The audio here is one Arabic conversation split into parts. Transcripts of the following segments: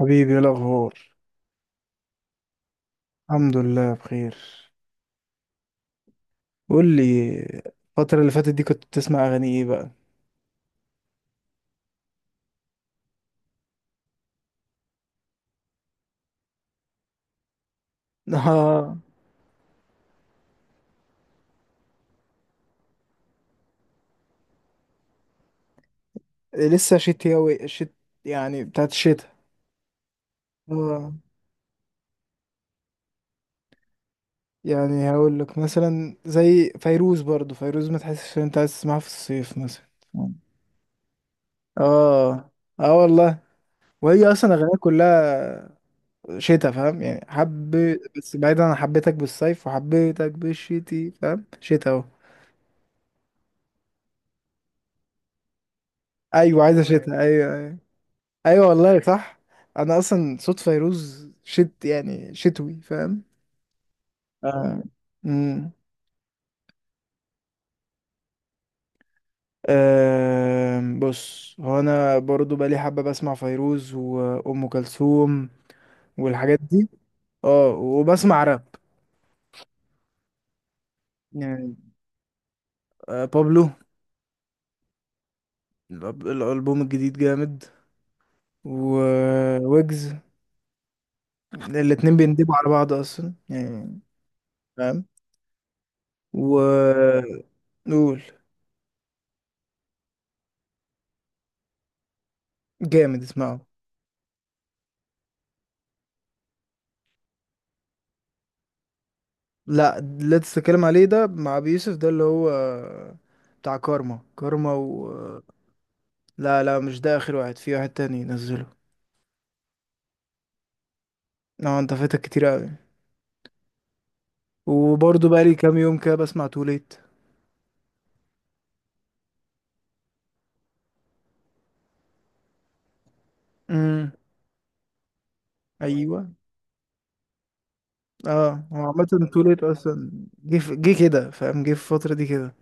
حبيبي، ايه الاخبار؟ الحمد لله بخير. قول لي، الفترة اللي فاتت دي كنت بتسمع اغاني ايه بقى؟ آه. لسه شتوي، شت يعني بتاعت الشتاء. آه، يعني هقول لك مثلا زي فيروز، برضو فيروز ما تحسش ان انت عايز تسمعها في الصيف مثلا. اه، اه والله. وهي اصلا اغانيها كلها شتاء، فاهم؟ يعني حب. بس بعيدا عن حبيتك بالصيف وحبيتك بالشتي، فاهم؟ شتاء اهو. ايوه، عايزه شتاء، ايوه، ايوه. ايوه والله صح. انا اصلا صوت فيروز شت يعني شتوي، فاهم؟ اه. امم بص، هو انا برضو بقالي حبه بسمع فيروز وام كلثوم والحاجات دي. اه، وبسمع راب. يعني بابلو. الالبوم الجديد جامد، وويجز. الاتنين بيندبوا على بعض اصلا يعني، فاهم. و قول. جامد، اسمعه. لا، اللي أنت بتتكلم عليه ده مع أبي يوسف ده اللي هو بتاع كارما كارما لا لا، مش ده، آخر واحد في واحد تاني نزله. اه، انت فاتك كتير أوي. وبرضه بقالي كام يوم كده بسمع توليت. امم ايوه. اه، هو عامة توليت اصلا جه كده، فاهم؟ جه في الفترة دي كده.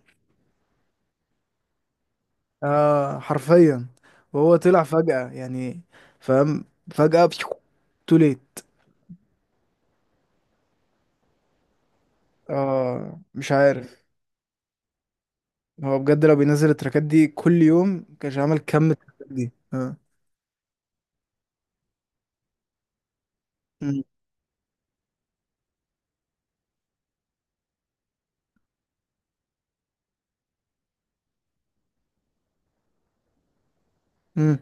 اه حرفيا، وهو طلع فجأة يعني، فاهم. فجأة توليت. اه مش عارف. هو بجد لو بينزل التراكات دي كل يوم، كانش عمل كم التراكات دي؟ اه. مم. مم.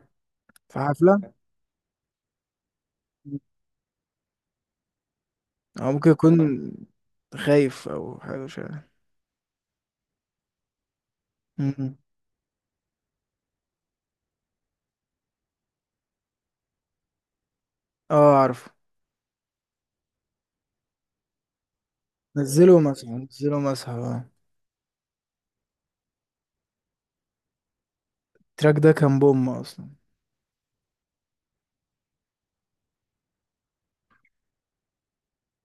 في حفلة. او ممكن يكون خايف او حاجة، مش عارف. مم. اه عارف. نزله مسحه، نزله مسحه، اه. التراك ده كان بوم اصلا.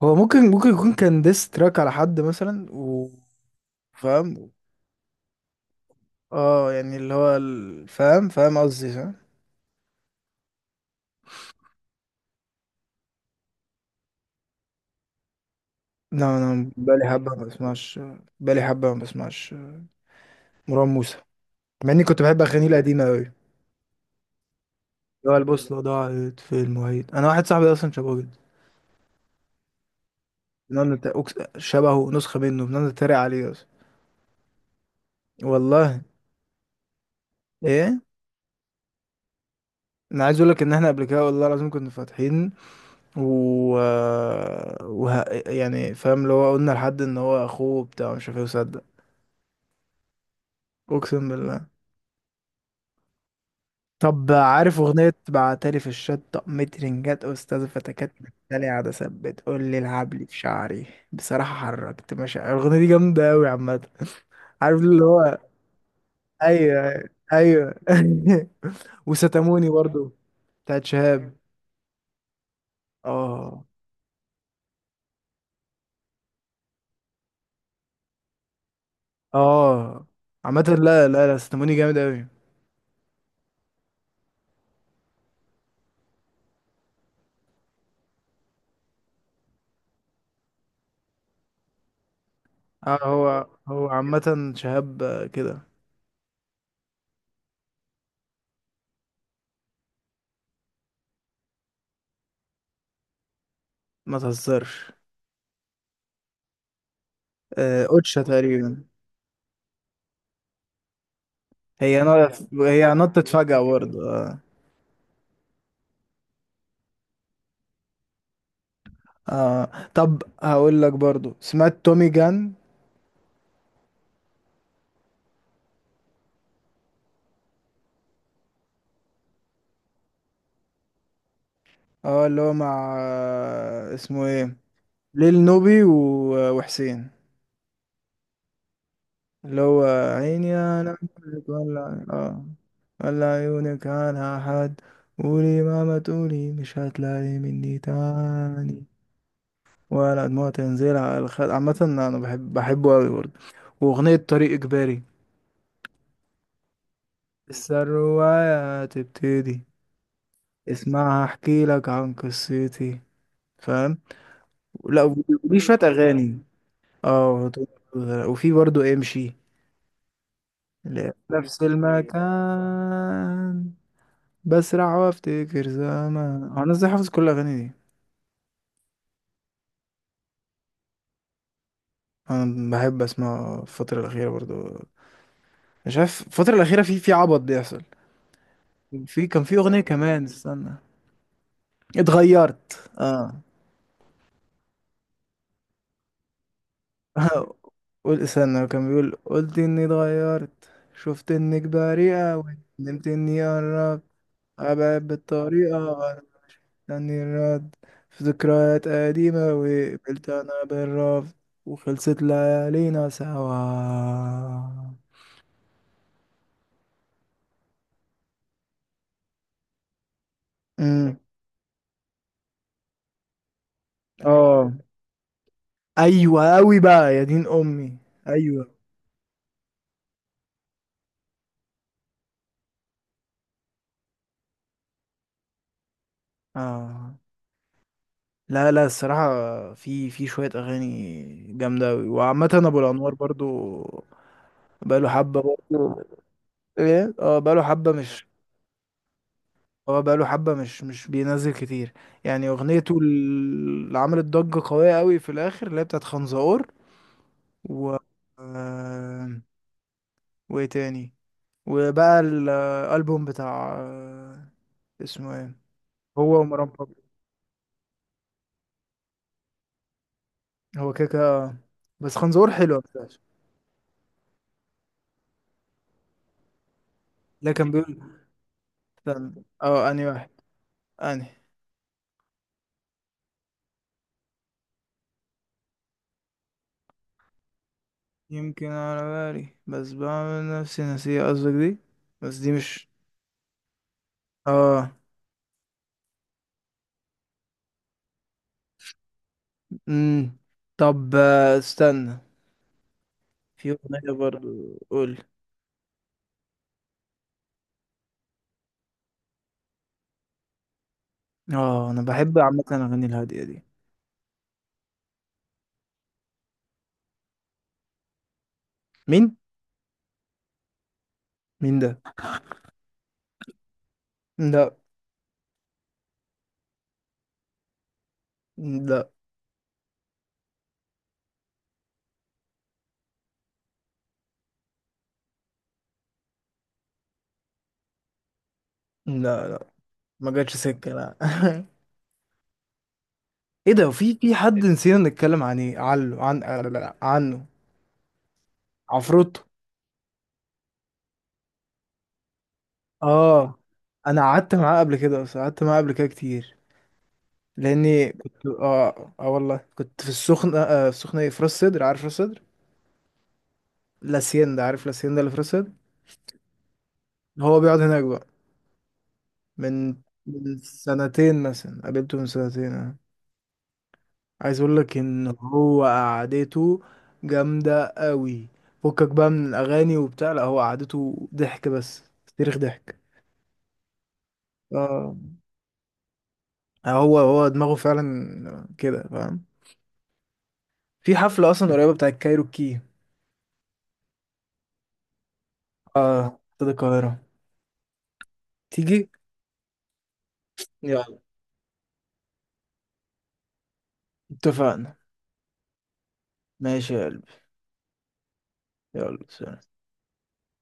هو ممكن يكون كان ديس تراك على حد مثلا فاهم. اه يعني اللي هو فاهم، فاهم قصدي، فاهم. لا، انا بقالي حبه ما بسمعش، بقالي حبه ما بسمعش. مروان موسى، مع اني كنت بحب اغانيه القديمه أوي، اللي هو البوصلة ضاعت في المعيد. أنا واحد صاحبي أصلا شبهه جدا، بنقعد شبهه نسخة منه، بنقعد نتريق عليه أصلا، والله. إيه؟ أنا عايز أقول لك إن إحنا قبل كده والله العظيم كنا فاتحين و... يعني، فاهم، اللي هو قلنا لحد إن هو أخوه بتاع مش عارف إيه، وصدق. أقسم بالله. طب عارف أغنية بعتلي في الشطة مترنجات أستاذ فتكات متلي عادة ثبت قول لي العب لي في شعري؟ بصراحة حركت مشاعر، الأغنية دي جامدة أوي عامة. عارف اللي هو. ايوه، ايوه. وستاموني برضو، بتاعت شهاب. اه. اه عامة، لا لا لا، ستاموني جامد اوي. اه، هو عامة شهاب كده. ما تهزرش. آه، اوتشا تقريبا. هي نطت، هي نطت فجأة برضو، اه. اه. طب هقول لك برضو، سمعت تومي جان. اه، اللي هو مع اسمه ايه. ليل نوبي وحسين، اللي هو عيني أنا عليك ولا آه، ولا عيونك عنها حد، قولي مهما تقولي مش هتلاقي مني تاني، ولا دموع تنزل على الخد. عامة أنا بحب، بحبه أوي برضه. وأغنية طريق إجباري، لسه الرواية هتبتدي، اسمعها أحكي لك عن قصتي، فاهم. لا وليه شوية أغاني. اه. وفي برضه امشي، لا، نفس المكان، بسرع وافتكر زمان. هو انا ازاي حافظ كل الاغاني دي؟ انا بحب اسمع الفتره الاخيره برضو. مش عارف الفتره الاخيره، في عبط بيحصل. كان في اغنيه كمان، استنى. اتغيرت اه. قول، استنى، كان بيقول: قلت اني اتغيرت، شفت انك بريئه أوي، ندمت اني قربت، ابعد بالطريقه غلط، تاني الرد، في ذكريات قديمة، وقبلت أنا بالرفض، وخلصت ليالينا سوا. امم اه. ايوه قوي بقى يا دين امي. ايوه. اه، لا لا الصراحه، في شويه اغاني جامده قوي. وعامه ابو الانوار برضو بقاله حبه برضو. ايه، اه، بقاله حبه مش، اه بقاله حبه مش بينزل كتير. يعني اغنيته اللي عملت ضجه قويه قوي في الاخر، اللي هي بتاعت خنزقور و آه، وايه تاني. وبقى الالبوم بتاع اسمه ايه، هو ومروان بابلو. هو كده بس خنزور حلوة بتاعش. لا كان بيقول استنى، اه، اني واحد، اني يمكن على بالي، بس بعمل نفسي نسيه قصدك دي. بس دي مش، اه. امم. طب استنى، في اغنية برضو، قول. اه، انا بحب عامة الاغاني الهادية دي. مين؟ مين ده؟ لا. لا. لا. لا، ما جاتش سكة، لا. ايه ده؟ في حد نسينا نتكلم عن ايه؟ عنه. عن عنه عفروتو. اه انا قعدت معاه قبل كده، اصلا قعدت معاه قبل كده كتير، لاني كنت والله كنت في السخنه، في السخنه، ايه، في راس سدر، عارف راس سدر؟ لاسيان ده، عارف لاسيان ده اللي في راس سدر؟ هو بيقعد هناك بقى من من سنتين مثلا، قابلته من سنتين آه. عايز اقول لك ان هو قعدته جامده قوي، فكك بقى من الاغاني وبتاع، لا هو قعدته ضحك بس، تاريخ ضحك. اه، هو دماغه فعلا كده، فاهم. في حفله اصلا قريبه بتاعت كايروكي. اه، استاد القاهرة، تيجي؟ يلا. اتفقنا. ماشي يا قلبي. يلا، سلام.